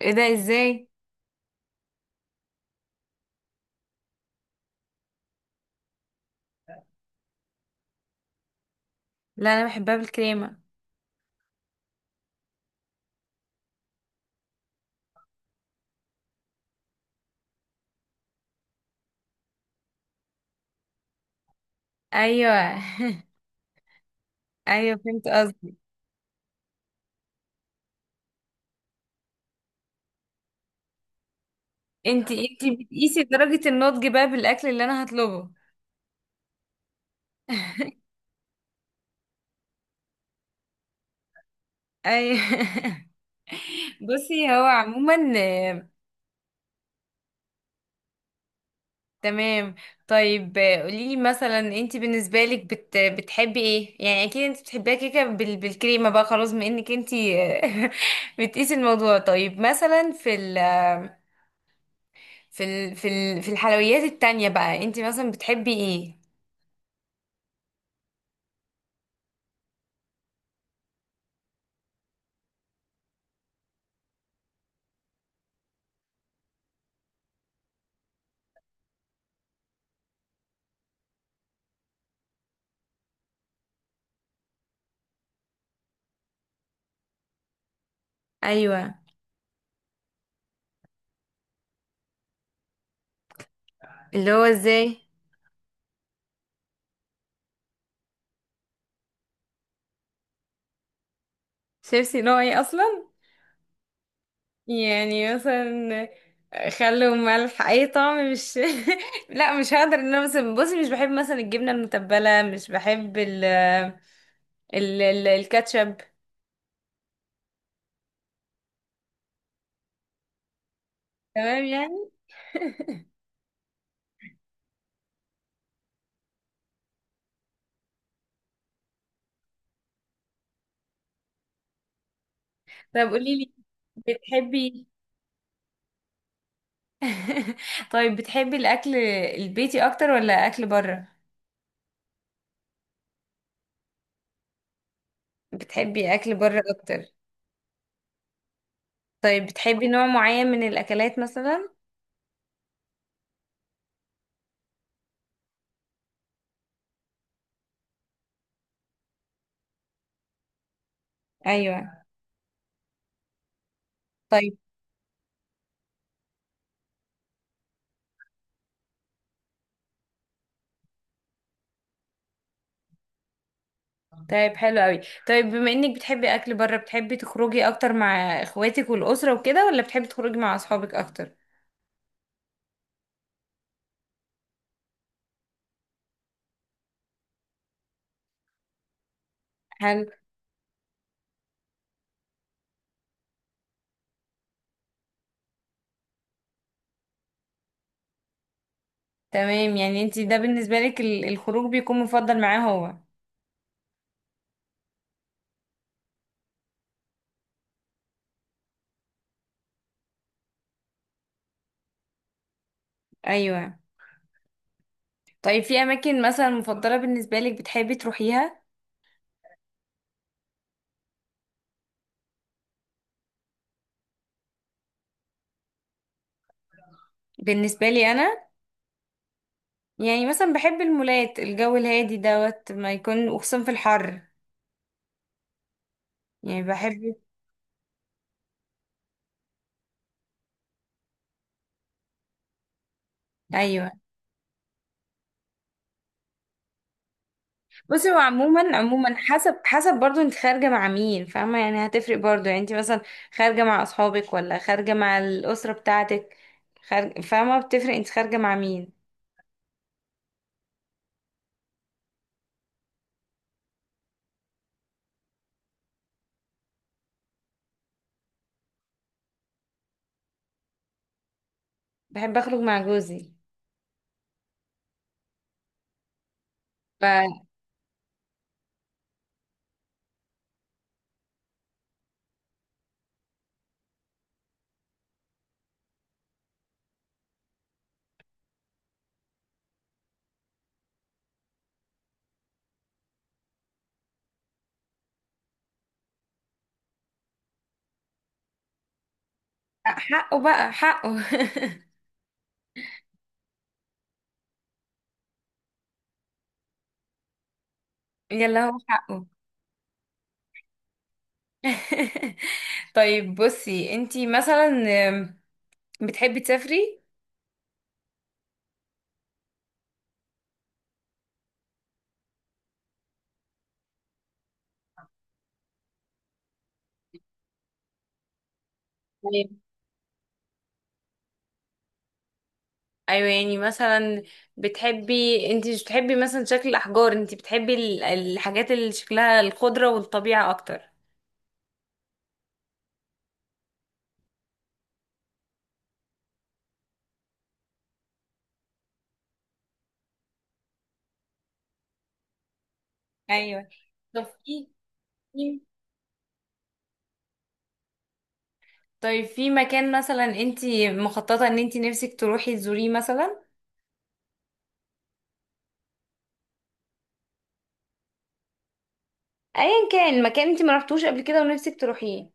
ايه ده ازاي؟ لا، انا بحبها بالكريمه. ايوه ايوه، فهمت قصدي. انتي بتقيسي درجه النضج بقى بالاكل اللي انا هطلبه؟ ايوه بصي، هو عموما تمام. طيب قوليلي، مثلا انتي بالنسبه لك بتحبي ايه؟ يعني اكيد انتي بتحبيها كيكه بالكريمه بقى، خلاص، بما انك انتي بتقيسي الموضوع. طيب مثلا في الحلويات التانية بقى، انتي مثلا بتحبي ايه؟ ايوه. اللي هو ازاي؟ شيبسي نوع ايه اصلا؟ يعني مثلا خل وملح، اي طعم، مش لا، مش هقدر. ان انا مثلا، بصي، مش بحب مثلا الجبنه المتبله، مش بحب ال الكاتشب. تمام يعني. طب قولي لي، بتحبي طيب، بتحبي الاكل البيتي اكتر ولا اكل بره؟ بتحبي اكل بره اكتر؟ طيب بتحبي نوع معين من الاكلات مثلا؟ ايوه. طيب. طيب حلو قوي. طيب بما انك بتحبي اكل بره، بتحبي تخرجي اكتر مع اخواتك والاسره وكده، ولا بتحبي تخرجي مع اصحابك اكتر؟ حلو. تمام يعني انت ده بالنسبه لك الخروج بيكون مفضل معاه هو. ايوه. طيب في اماكن مثلا مفضله بالنسبه لك بتحبي تروحيها؟ بالنسبه لي انا، يعني مثلا بحب المولات، الجو الهادي دوت ما يكون، وخصوصا في الحر. يعني بحب. ايوه. بصي، هو عموما عموما، حسب برضو انت خارجة مع مين، فاهمة؟ يعني هتفرق برضو. يعني انت مثلا خارجة مع اصحابك ولا خارجة مع الأسرة بتاعتك؟ فاهمة، بتفرق انت خارجة مع مين. بحب اخرج مع جوزي. فحقه بقى، حقه. يلا، هو حقه. طيب بصي، انت مثلا بتحبي تسافري؟ طيب. ايوه، يعني مثلا بتحبي، انت مش بتحبي مثلا شكل الاحجار، انت بتحبي الحاجات اللي شكلها الخضره والطبيعه اكتر. ايوه. طب في في- طيب في مكان مثلا انت مخططه ان انت نفسك تروحي تزوريه مثلا؟ ايا كان مكان انت ما رحتوش قبل كده ونفسك تروحيه.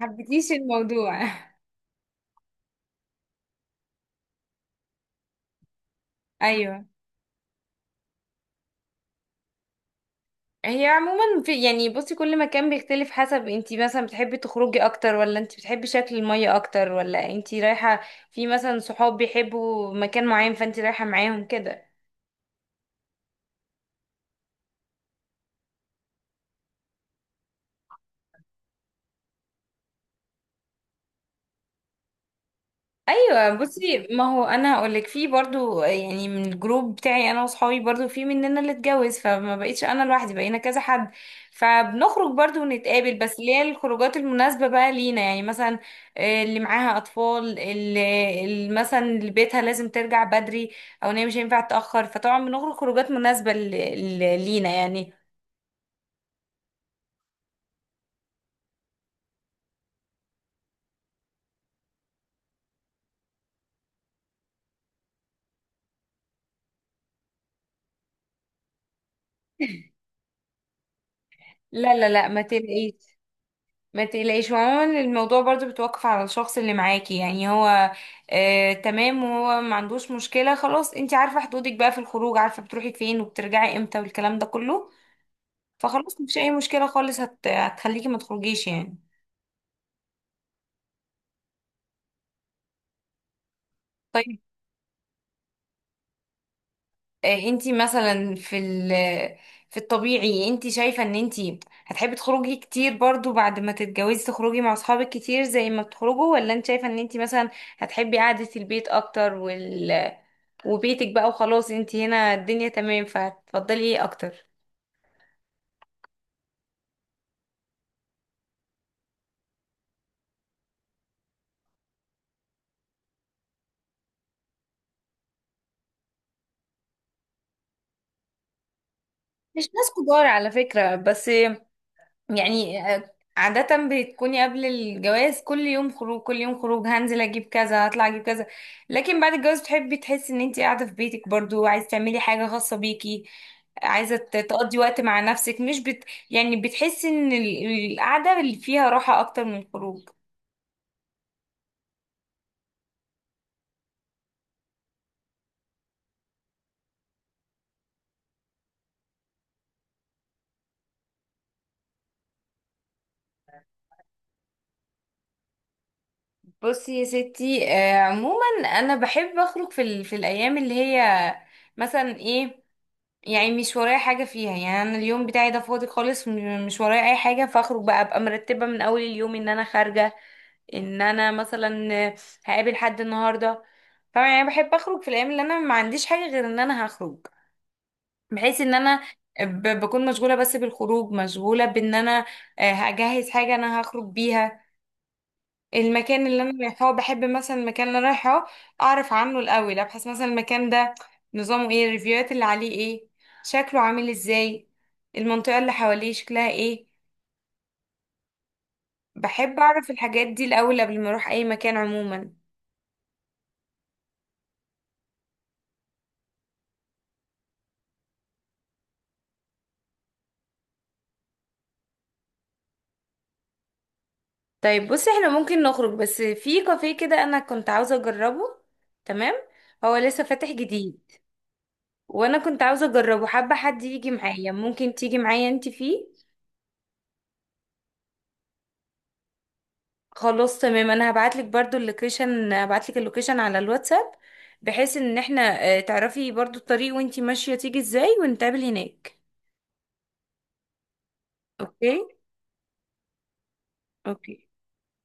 حبيتيش الموضوع؟ ايوه. هي عموما في، يعني بصي، كل مكان بيختلف حسب انتي مثلا بتحبي تخرجي اكتر، ولا انتي بتحبي شكل المية اكتر، ولا انتي رايحة في مثلا صحاب بيحبوا مكان معين فانتي رايحة معاهم كده. ايوه بصي، ما هو انا هقولك، في برضو يعني من الجروب بتاعي انا واصحابي برضو في مننا اللي اتجوز، فما بقيتش انا لوحدي، بقينا كذا حد. فبنخرج برضو ونتقابل، بس اللي هي الخروجات المناسبة بقى لينا، يعني مثلا اللي معاها اطفال، اللي مثلا اللي بيتها لازم ترجع بدري، او ان هي مش هينفع تتأخر، فطبعا بنخرج خروجات مناسبة ل- لينا يعني. لا لا لا، ما تقلقيش. ما تقلقيش، عموما الموضوع برضو بتوقف على الشخص اللي معاكي، يعني هو آه تمام وهو ما عندوش مشكلة، خلاص انتي عارفة حدودك بقى في الخروج، عارفة بتروحي فين وبترجعي امتى والكلام ده كله. فخلاص، مفيش اي مشكلة خالص هتخليكي ما تخرجيش يعني. طيب انتي مثلا في ال في الطبيعي انتي شايفة ان انتي هتحبي تخرجي كتير برضو بعد ما تتجوزي، تخرجي مع اصحابك كتير زي ما بتخرجوا، ولا انت شايفة ان انتي مثلا هتحبي قعدة البيت اكتر، وال وبيتك بقى وخلاص، انتي هنا الدنيا تمام، فهتفضلي ايه اكتر؟ مش ناس كبار على فكرة، بس يعني عادة بتكوني قبل الجواز كل يوم خروج، كل يوم خروج، هنزل اجيب كذا، هطلع اجيب كذا. لكن بعد الجواز تحبي تحسي ان انت قاعدة في بيتك، برضو عايزة تعملي حاجة خاصة بيكي، عايزة تقضي وقت مع نفسك، مش يعني بتحسي ان القعدة اللي فيها راحة اكتر من الخروج. بصي يا ستي، عموما انا بحب اخرج في الايام اللي هي مثلا ايه، يعني مش ورايا حاجة فيها، يعني أنا اليوم بتاعي ده فاضي خالص، مش ورايا أي حاجة، فأخرج بقى، أبقى مرتبة من أول اليوم إن أنا خارجة، إن أنا مثلا هقابل حد النهاردة. فاهمة؟ يعني بحب أخرج في الأيام اللي أنا ما عنديش حاجة غير إن أنا هخرج، بحيث إن أنا بكون مشغولة بس بالخروج، مشغولة بإن أنا هجهز حاجة أنا هخرج بيها. المكان اللي انا رايحاه، بحب مثلا المكان اللي أنا رايحاه اعرف عنه الاول، ابحث مثلا المكان ده نظامه ايه، الريفيوهات اللي عليه ايه، شكله عامل ازاي، المنطقة اللي حواليه شكلها ايه. بحب اعرف الحاجات دي الاول قبل ما اروح اي مكان عموما. طيب بصي، احنا ممكن نخرج بس في كافيه كده انا كنت عاوزة اجربه. تمام، هو لسه فاتح جديد، وانا كنت عاوزة اجربه، حابة حد يجي معايا، ممكن تيجي معايا انت فيه؟ خلاص تمام، انا هبعتلك برضو اللوكيشن، هبعتلك اللوكيشن على الواتساب، بحيث ان احنا تعرفي برضو الطريق وانتي ماشية تيجي ازاي، ونتقابل هناك. اوكي. اوكي.